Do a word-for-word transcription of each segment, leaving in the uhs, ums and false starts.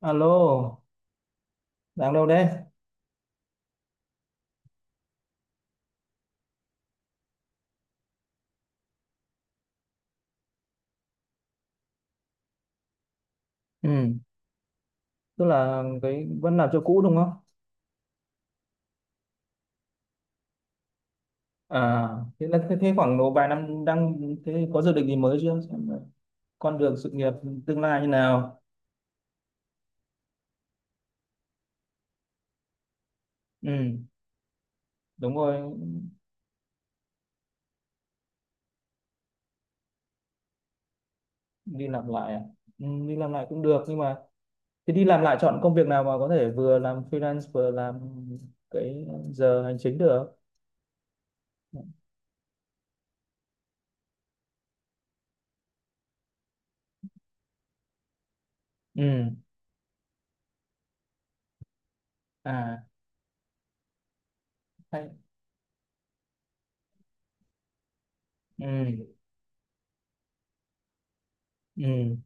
Alo, đang đâu đấy? Ừ, tức là cái vẫn làm cho cũ đúng không? À, thế là thế, thế khoảng độ vài năm đang thế có dự định gì mới chưa? Xem là con đường sự nghiệp tương lai như nào? Ừ, đúng rồi, đi làm lại à? Ừ, đi làm lại cũng được nhưng mà thế đi làm lại chọn công việc nào mà có thể vừa làm freelance vừa làm cái giờ hành chính được? Ừ, à, hay, ừ, ừ,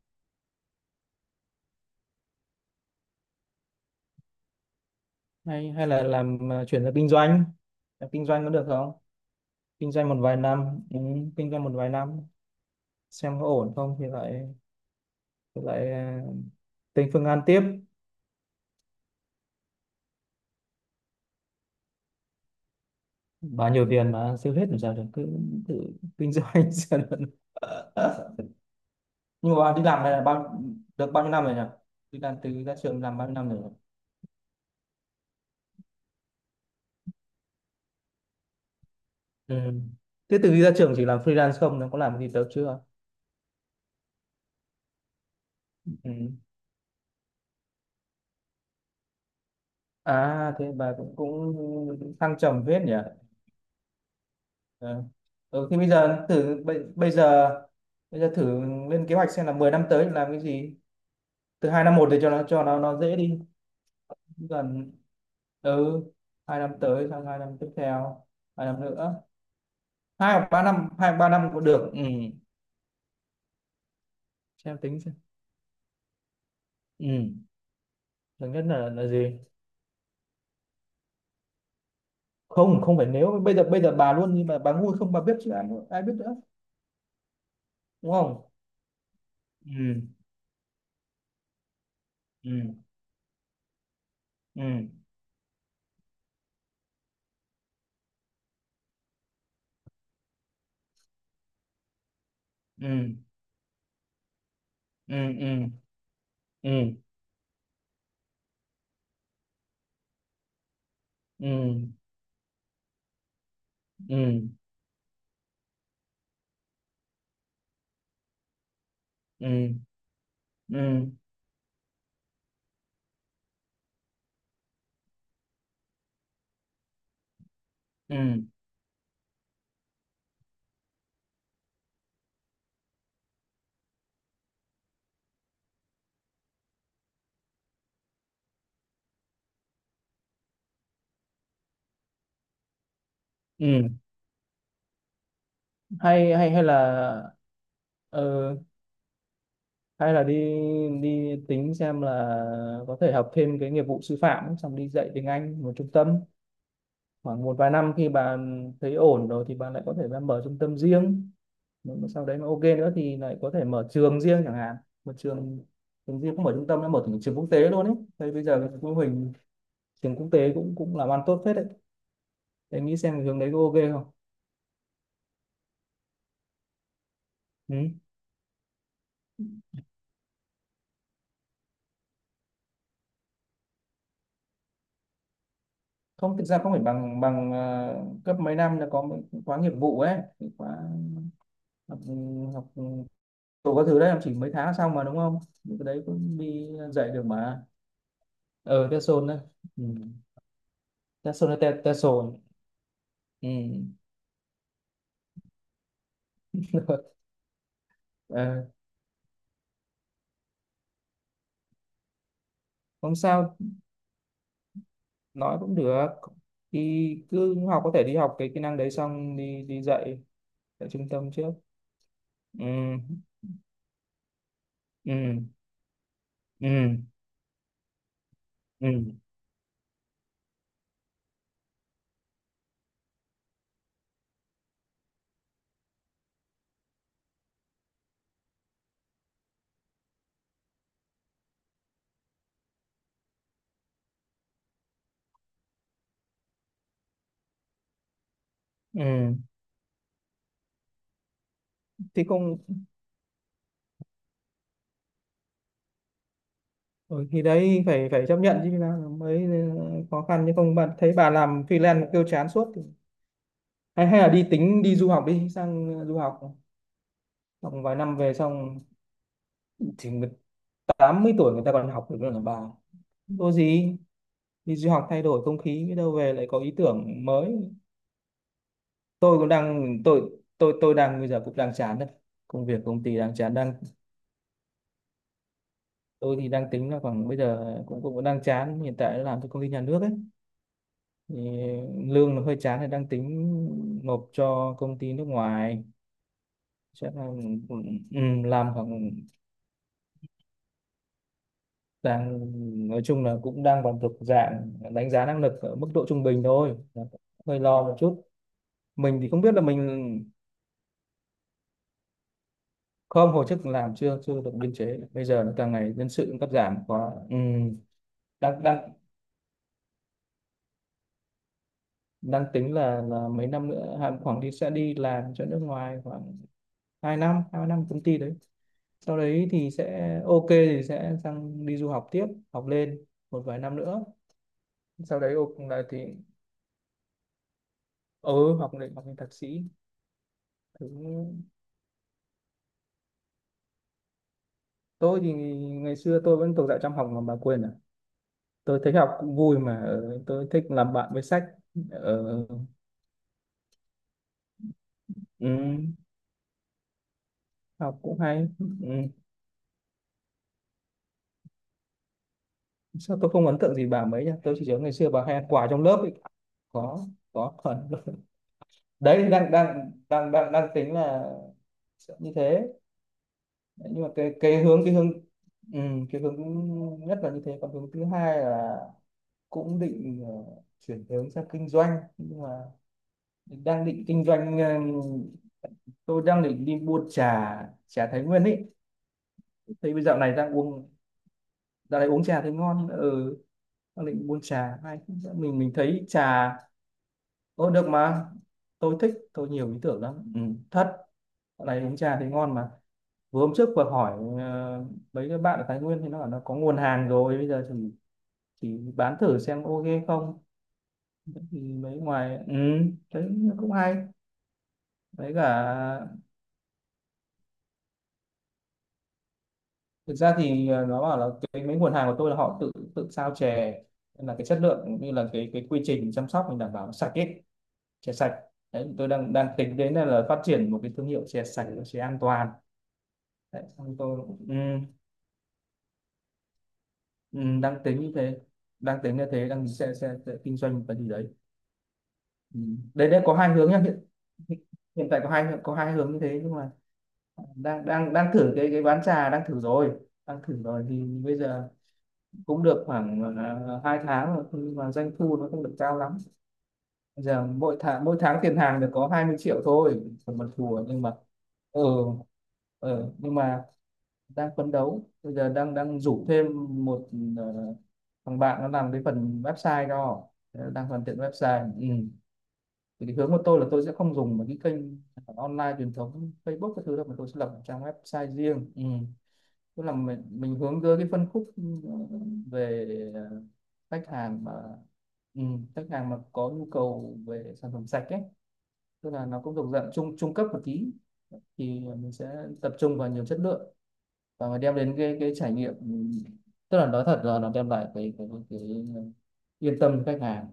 hay hay là làm ờ, chuyển sang kinh doanh, làm kinh doanh có được không? Kinh doanh một vài năm, ừ, kinh doanh một vài năm xem có ổn không thì lại thì lại à, tính phương án tiếp. Bao nhiêu tiền mà tiêu hết làm sao được, cứ thử kinh doanh xem là- nhưng mà bà đi làm này là bao được bao nhiêu năm rồi nhỉ, đi làm từ ra trường làm bao nhiêu năm rồi nhỉ? Ừ. Thế từ khi ra trường chỉ làm freelance không nó có làm gì được chưa. Ừ. À thế bà cũng cũng thăng trầm phết nhỉ. Ờ. Ừ. Thì bây giờ thử bây, bây giờ bây giờ thử lên kế hoạch xem là mười năm tới làm cái gì, từ hai năm một để cho nó cho nó nó dễ đi gần. Ừ, hai năm tới sang hai năm tiếp theo, hai năm nữa, hai hoặc ba năm hai hoặc ba năm cũng được, ừ. Xem tính xem. Ừ. Lớn nhất là là gì không không phải nếu bây giờ bây giờ bà luôn nhưng mà bà ngu không bà biết chứ ai ai biết nữa đúng không? Ừ. Ừ. Ừ. Ừ. Ừ. Ừ. Ừ. Ừ. Ừ. Ừ. Ừ. Ừ. Ừ. hay hay hay là ờ, hay là đi, đi tính xem là có thể học thêm cái nghiệp vụ sư phạm ấy, xong đi dạy tiếng Anh một trung tâm khoảng một vài năm, khi bạn thấy ổn rồi thì bạn lại có thể ra mở trung tâm riêng, nếu mà sau đấy nó ok nữa thì lại có thể mở trường riêng chẳng hạn, một trường, trường riêng cũng mở trung tâm, nó mở thành trường quốc tế luôn ấy. Thế bây giờ cái mô hình trường quốc tế cũng cũng làm ăn tốt phết đấy. Em nghĩ xem cái hướng đấy có ok không? Ừ. Không thực ra không phải bằng bằng ờ, cấp, mấy năm là có mấy khóa nghiệp vụ ấy, khóa học, ừ, học. Cậu có thử đấy, em chỉ mấy tháng xong mà đúng không? Những cái đấy cũng đi dạy được mà. Ờ Tesson đấy. Ừ. Tesson hay Te- Tesson. Ừ. Ờ, không sao, nói cũng được. Thì cứ học, có thể đi học cái kỹ năng đấy xong đi đi dạy tại trung tâm trước. Ừ. Ừ. Ừ. Ừ. Ừ. Thì không, ừ, thì đấy phải phải chấp nhận chứ nào mới khó khăn chứ không bạn thấy bà làm freelance mà kêu chán suốt thì hay hay là đi tính đi du học, đi sang du học. Xong vài năm về xong thì người tám mươi tuổi người ta còn học được nữa là bà, có gì đi du học thay đổi không khí biết đâu về lại có ý tưởng mới. Tôi cũng đang tôi tôi tôi đang bây giờ cũng đang chán đấy, công việc công ty đang chán, đang tôi thì đang tính là khoảng bây giờ cũng cũng đang chán hiện tại làm cho công ty nhà nước ấy thì lương nó hơi chán thì đang tính nộp cho công ty nước ngoài, chắc là, ừ, ừ, làm khoảng đang, nói chung là cũng đang còn thuộc dạng đánh giá năng lực ở mức độ trung bình thôi, hơi lo một chút, mình thì không biết là mình không hồi chức làm chưa chưa được biên chế bây giờ nó càng ngày nhân sự cũng cắt giảm quá, ừ, đang đang đang tính là là mấy năm nữa Hàn khoảng đi sẽ đi làm cho nước ngoài khoảng hai năm, hai năm công ty đấy, sau đấy thì sẽ ok thì sẽ sang đi du học tiếp, học lên một vài năm nữa, sau đấy ok là thì, ừ học lên học lên thạc sĩ. Thứ tôi thì ngày xưa tôi vẫn thuộc dạng chăm học mà bà quên à, tôi thấy học cũng vui mà, ờ, tôi thích làm bạn với sách. Ờ, ừ, học cũng hay, ừ. Sao tôi không ấn tượng gì bà mấy nhá, tôi chỉ nhớ ngày xưa bà hay ăn quà trong lớp ấy. có có phần đấy đang đang đang đang đang tính là sẽ như thế. Đấy, nhưng mà cái cái hướng, cái hướng, ừ, cái hướng nhất là như thế, còn hướng thứ hai là cũng định ờ, chuyển hướng sang kinh doanh, nhưng mà đang định kinh doanh, ờ, tôi đang định đi mua trà, trà Thái Nguyên ấy, thấy bây dạo này đang uống, dạo này uống trà thấy ngon, ừ, đang định mua trà hay mình mình thấy trà ô được mà, tôi thích tôi nhiều ý tưởng lắm, ừ, thật, dạo này uống trà thấy ngon mà, vừa hôm trước vừa hỏi, ờ, mấy cái bạn ở Thái Nguyên thì nó bảo nó có nguồn hàng rồi bây giờ thì chỉ bán thử xem ok không. Thế thì mấy ngoài, ừ, thấy cũng hay, với cả thực ra thì, ờ, nó bảo là cái mấy nguồn hàng của tôi là họ tự tự sao chè, nên là cái chất lượng cũng như là cái cái quy trình chăm sóc mình đảm bảo nó sạch ấy, chè sạch. Đấy tôi đang đang tính đến là, là phát triển một cái thương hiệu chè sạch, chè an toàn, đấy xong tôi, ừ, ừ, đang tính như thế, đang tính như thế, đang sẽ sẽ, sẽ kinh doanh một cái gì đấy. Ừ. Đấy đấy có hai hướng nhá, hiện hiện hiện tại có hai có hai hướng như thế, nhưng mà đang đang đang thử cái cái bán trà, đang thử rồi, đang thử rồi, thì bây giờ cũng được khoảng uh, hai tháng rồi nhưng mà doanh thu nó không được cao lắm. Bây giờ mỗi tháng mỗi tháng tiền hàng được có hai mươi triệu thôi còn mặt thùa, nhưng mà, ừ, ừ nhưng mà đang phấn đấu, bây giờ đang đang rủ thêm một, ờ, thằng bạn nó làm cái phần website cho. Thế là đang hoàn thiện website, ừ. Thì cái hướng của tôi là tôi sẽ không dùng một cái kênh online truyền thống Facebook cái thứ đâu, mà tôi sẽ lập một trang website riêng, ừ, tức là mình mình hướng tới cái phân khúc, ừ, về, ờ, khách hàng mà, ừ, khách hàng mà có nhu cầu về sản phẩm sạch ấy, tức là nó cũng thuộc dạng trung trung cấp một tí, thì mình sẽ tập trung vào nhiều chất lượng và mà đem đến cái cái trải nghiệm, ừ. Tức là nói thật là nó đem lại cái cái, cái yên tâm cho khách hàng,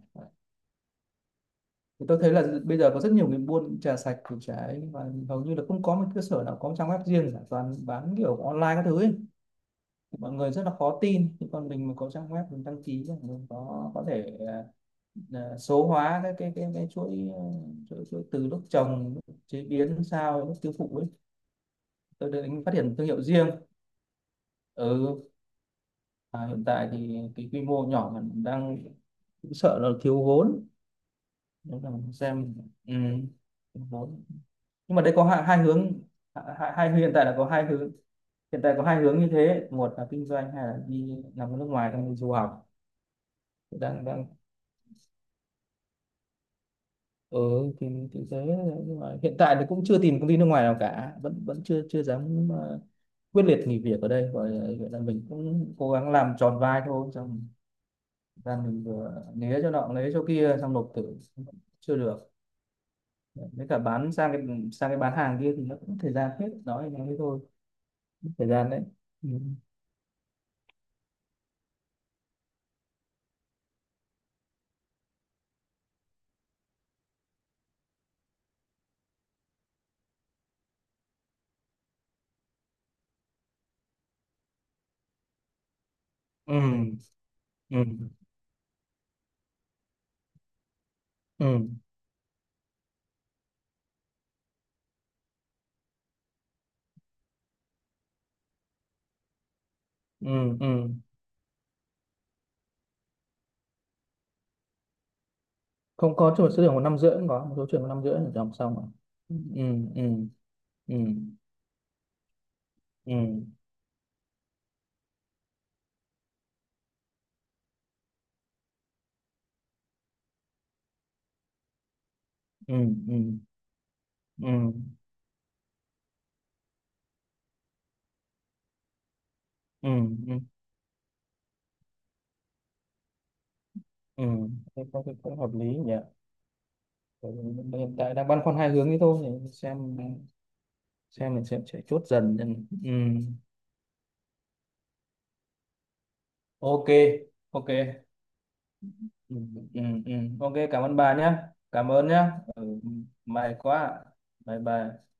thì tôi thấy là bây giờ có rất nhiều người buôn trà sạch củ trái, và hầu như là không có một cơ sở nào có một trang web riêng cả, toàn bán kiểu online các thứ ấy, mọi người rất là khó tin, nhưng còn mình mà có trang web mình đăng ký mình có có thể à, à, số hóa cái cái cái, cái chuỗi, ờ, chuỗi chuỗi từ lúc trồng lúc chế biến sao lúc tiêu thụ ấy, tôi đến phát triển thương hiệu riêng. Ừ à, hiện tại thì cái quy mô nhỏ mình đang cũng sợ là thiếu vốn, nếu là mình xem, ừ, thiếu vốn, nhưng mà đây có hai, hai hướng, hai, hai hiện tại là có hai hướng, hiện tại có hai hướng như thế, một là kinh doanh hay là đi làm ở nước ngoài đang du học, đang đang ừ, thì thì thế nhưng mà hiện tại thì cũng chưa tìm công ty nước ngoài nào cả, vẫn vẫn chưa chưa dám ờ, quyết liệt nghỉ việc ở đây, gọi là, gọi là mình cũng cố gắng làm tròn vai thôi, xong ra mình vừa né cho nọ lấy cho kia xong nộp thử chưa được, với cả bán sang cái, sang cái bán hàng kia thì nó cũng thời gian hết, nói nói thế thôi, thời gian đấy, Ừ. Ừ. Ừ. Ừ. Ừ. Ừ. Không có chỗ số trường một năm rưỡi, cũng có một số trường một năm rưỡi là dòng xong rồi. Ừ. Ừ. Ừ. Ừ. Ừ. Ừ. Ừ. Ừ. Ừ. Ừ. Thế có cái cũng hợp lý nhỉ. Bởi hiện tại đang băn khoăn hai hướng ấy thôi, để xem xem mình sẽ, sẽ chốt dần. Ừ. Ok, ok, ừ, ừ, ừ. Ok cảm ơn bà nhé, cảm ơn nhé. Ừ. May quá, bye bye.